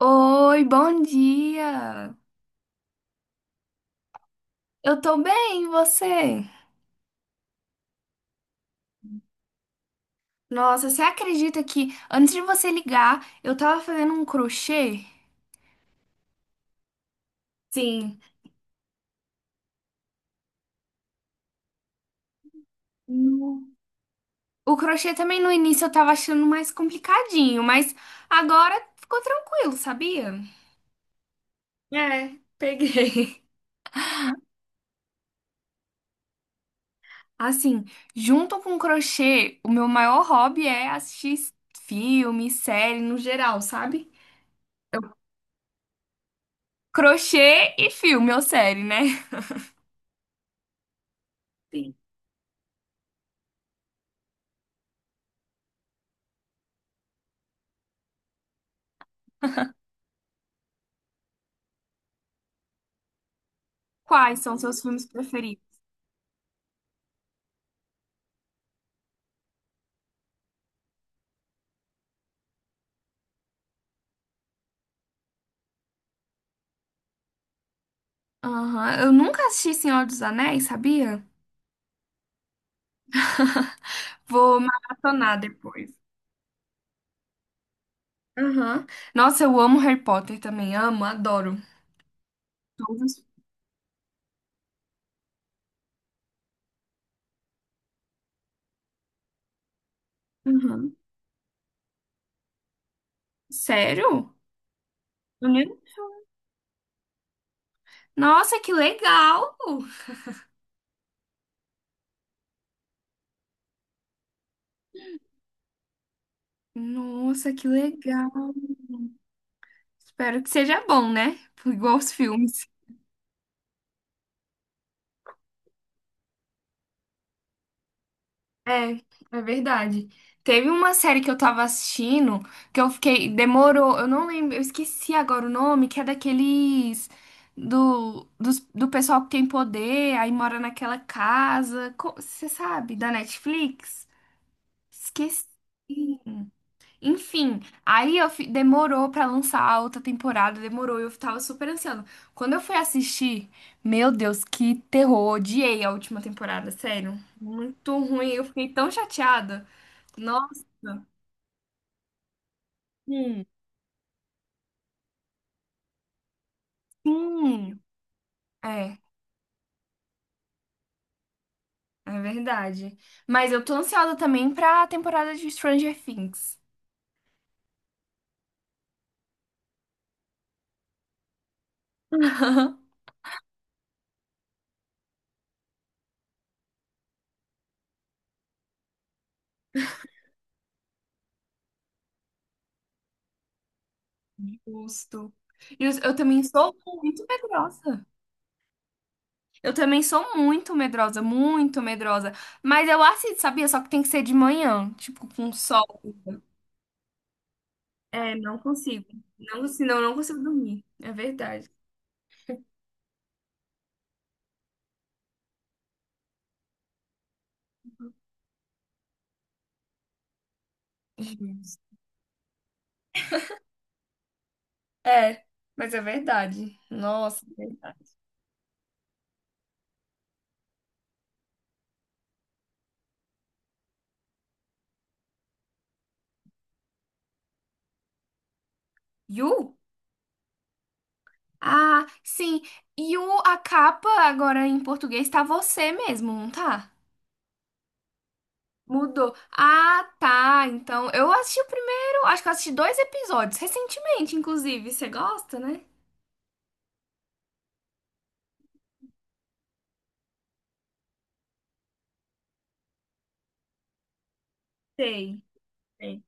Oi, bom dia! Eu tô bem, e você? Nossa, você acredita que antes de você ligar, eu tava fazendo um crochê? Sim. No- O crochê também no início eu tava achando mais complicadinho, mas agora ficou tranquilo, sabia? É, peguei. Assim, junto com o crochê, o meu maior hobby é assistir filme, série no geral, sabe? Crochê e filme ou série, né? Quais são seus filmes preferidos? Aham, eu nunca assisti Senhor dos Anéis, sabia? Vou maratonar depois. Aham. Nossa, eu amo Harry Potter também, amo, adoro. Todos. Aham. Sério? Uhum. Nossa, que legal! Nossa, que legal! Espero que seja bom, né? Igual os filmes. É, é verdade. Teve uma série que eu tava assistindo que eu fiquei. Demorou, eu não lembro, eu esqueci agora o nome, que é daqueles. Do pessoal que tem poder, aí mora naquela casa. Você sabe? Da Netflix? Esqueci. Enfim, aí eu demorou pra lançar a outra temporada, demorou, eu tava super ansiando. Quando eu fui assistir, meu Deus, que terror, odiei a última temporada, sério. Muito ruim, eu fiquei tão chateada. Nossa. Sim, sim. É, é verdade. Mas eu tô ansiosa também pra temporada de Stranger Things. Justo. E eu também sou muito medrosa. Eu também sou muito medrosa, muito medrosa. Mas eu assisto, sabia? Só que tem que ser de manhã, tipo, com sol. É, não consigo. Não, senão eu não consigo dormir. É verdade. Justo. É, mas é verdade. Nossa, é verdade. Yu? Ah, sim. Yu, a capa agora em português tá você mesmo, não tá? Mudou. Ah, tá. Então, eu assisti o primeiro, acho que eu assisti dois episódios, recentemente, inclusive. Você gosta, né? Sei. Sei.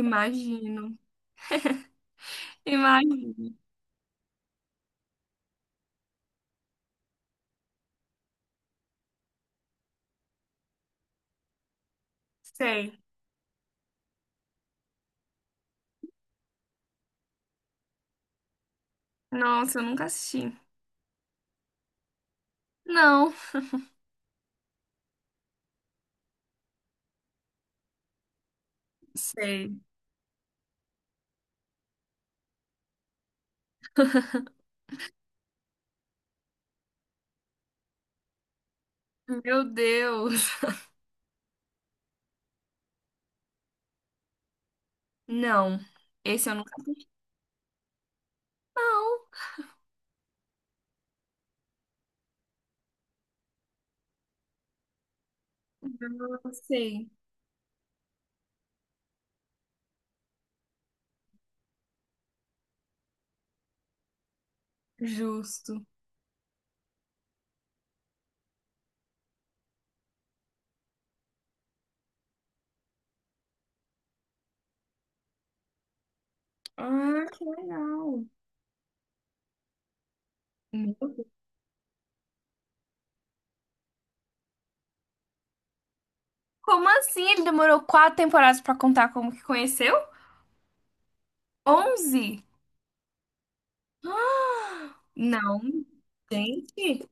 Imagino. Imagino. Sei. Nossa, eu nunca assisti. Não. Sei. Meu Deus. Não. Esse eu nunca assisti. Não. Não sei. Justo. Ah, que legal. Meu Deus. Como assim? Ele demorou quatro temporadas pra contar como que conheceu? Onze? Não. Gente.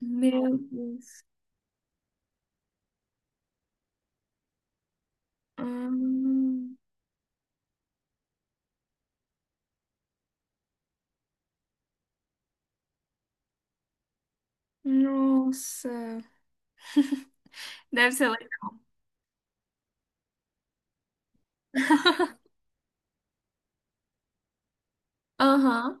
Meu Deus. Ah, nossa. Deve ser legal. Aham.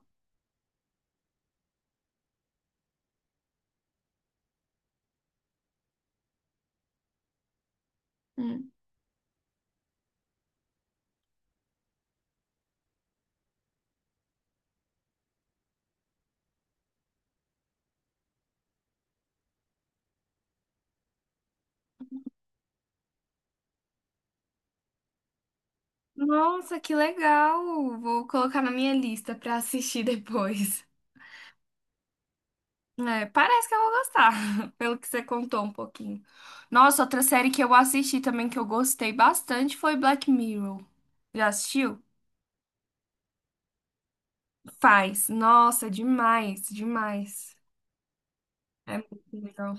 Hum. Nossa, que legal! Vou colocar na minha lista pra assistir depois. É, parece que eu vou gostar, pelo que você contou um pouquinho. Nossa, outra série que eu assisti também que eu gostei bastante foi Black Mirror. Já assistiu? Faz. Nossa, demais, demais. É muito legal.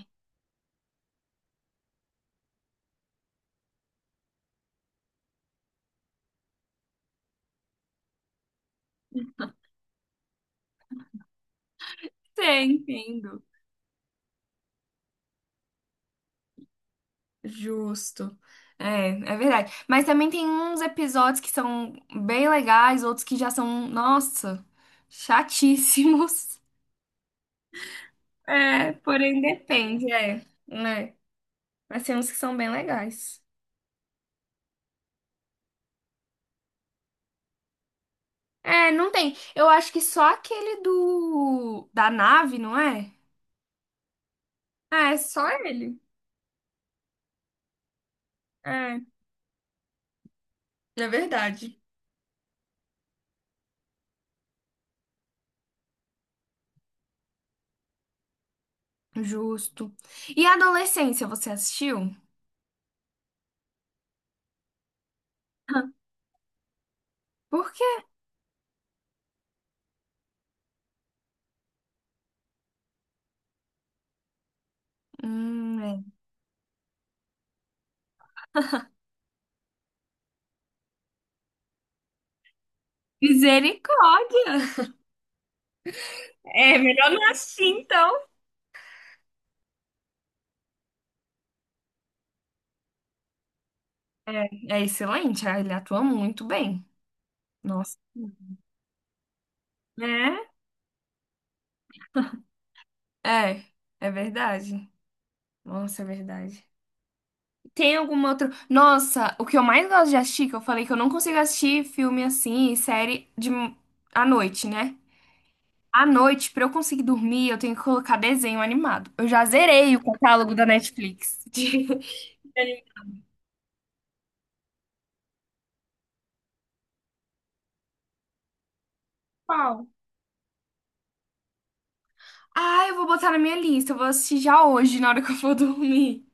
Sim, entendo. Justo. É, é verdade. Mas também tem uns episódios que são bem legais, outros que já são, nossa, chatíssimos. É, porém depende, é, né? Mas tem uns que são bem legais. É, não tem. Eu acho que só aquele do da nave, não é? É, só ele. É, é verdade. Justo. E Adolescência, você assistiu? Por quê? É. Misericórdia. É, melhor não assistir, então. É, é excelente, ah, ele atua muito bem. Nossa. É? É, é verdade. Nossa, é verdade. Tem alguma outra. Nossa, o que eu mais gosto de assistir, que eu falei que eu não consigo assistir filme assim, série de à noite, né? À noite, pra eu conseguir dormir, eu tenho que colocar desenho animado. Eu já zerei o catálogo da Netflix. De... Qual? Ah, eu vou botar na minha lista. Eu vou assistir já hoje, na hora que eu for dormir.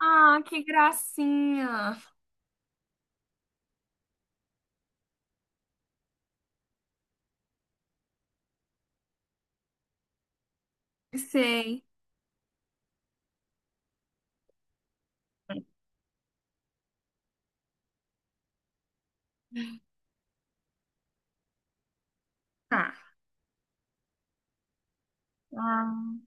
Ah, que gracinha. Sei. Tá. Ah.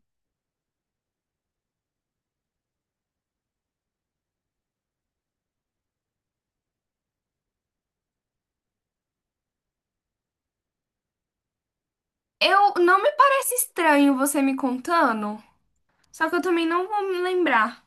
Eu não me parece estranho você me contando, só que eu também não vou me lembrar.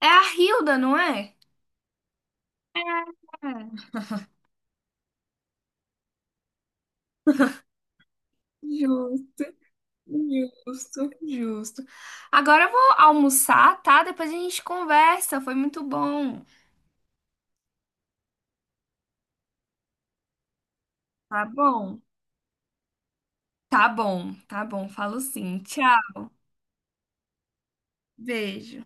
É a Hilda, não é? É, justo, justo, justo. Agora eu vou almoçar, tá? Depois a gente conversa. Foi muito bom. Tá bom. Tá bom, tá bom. Falo sim. Tchau. Beijo.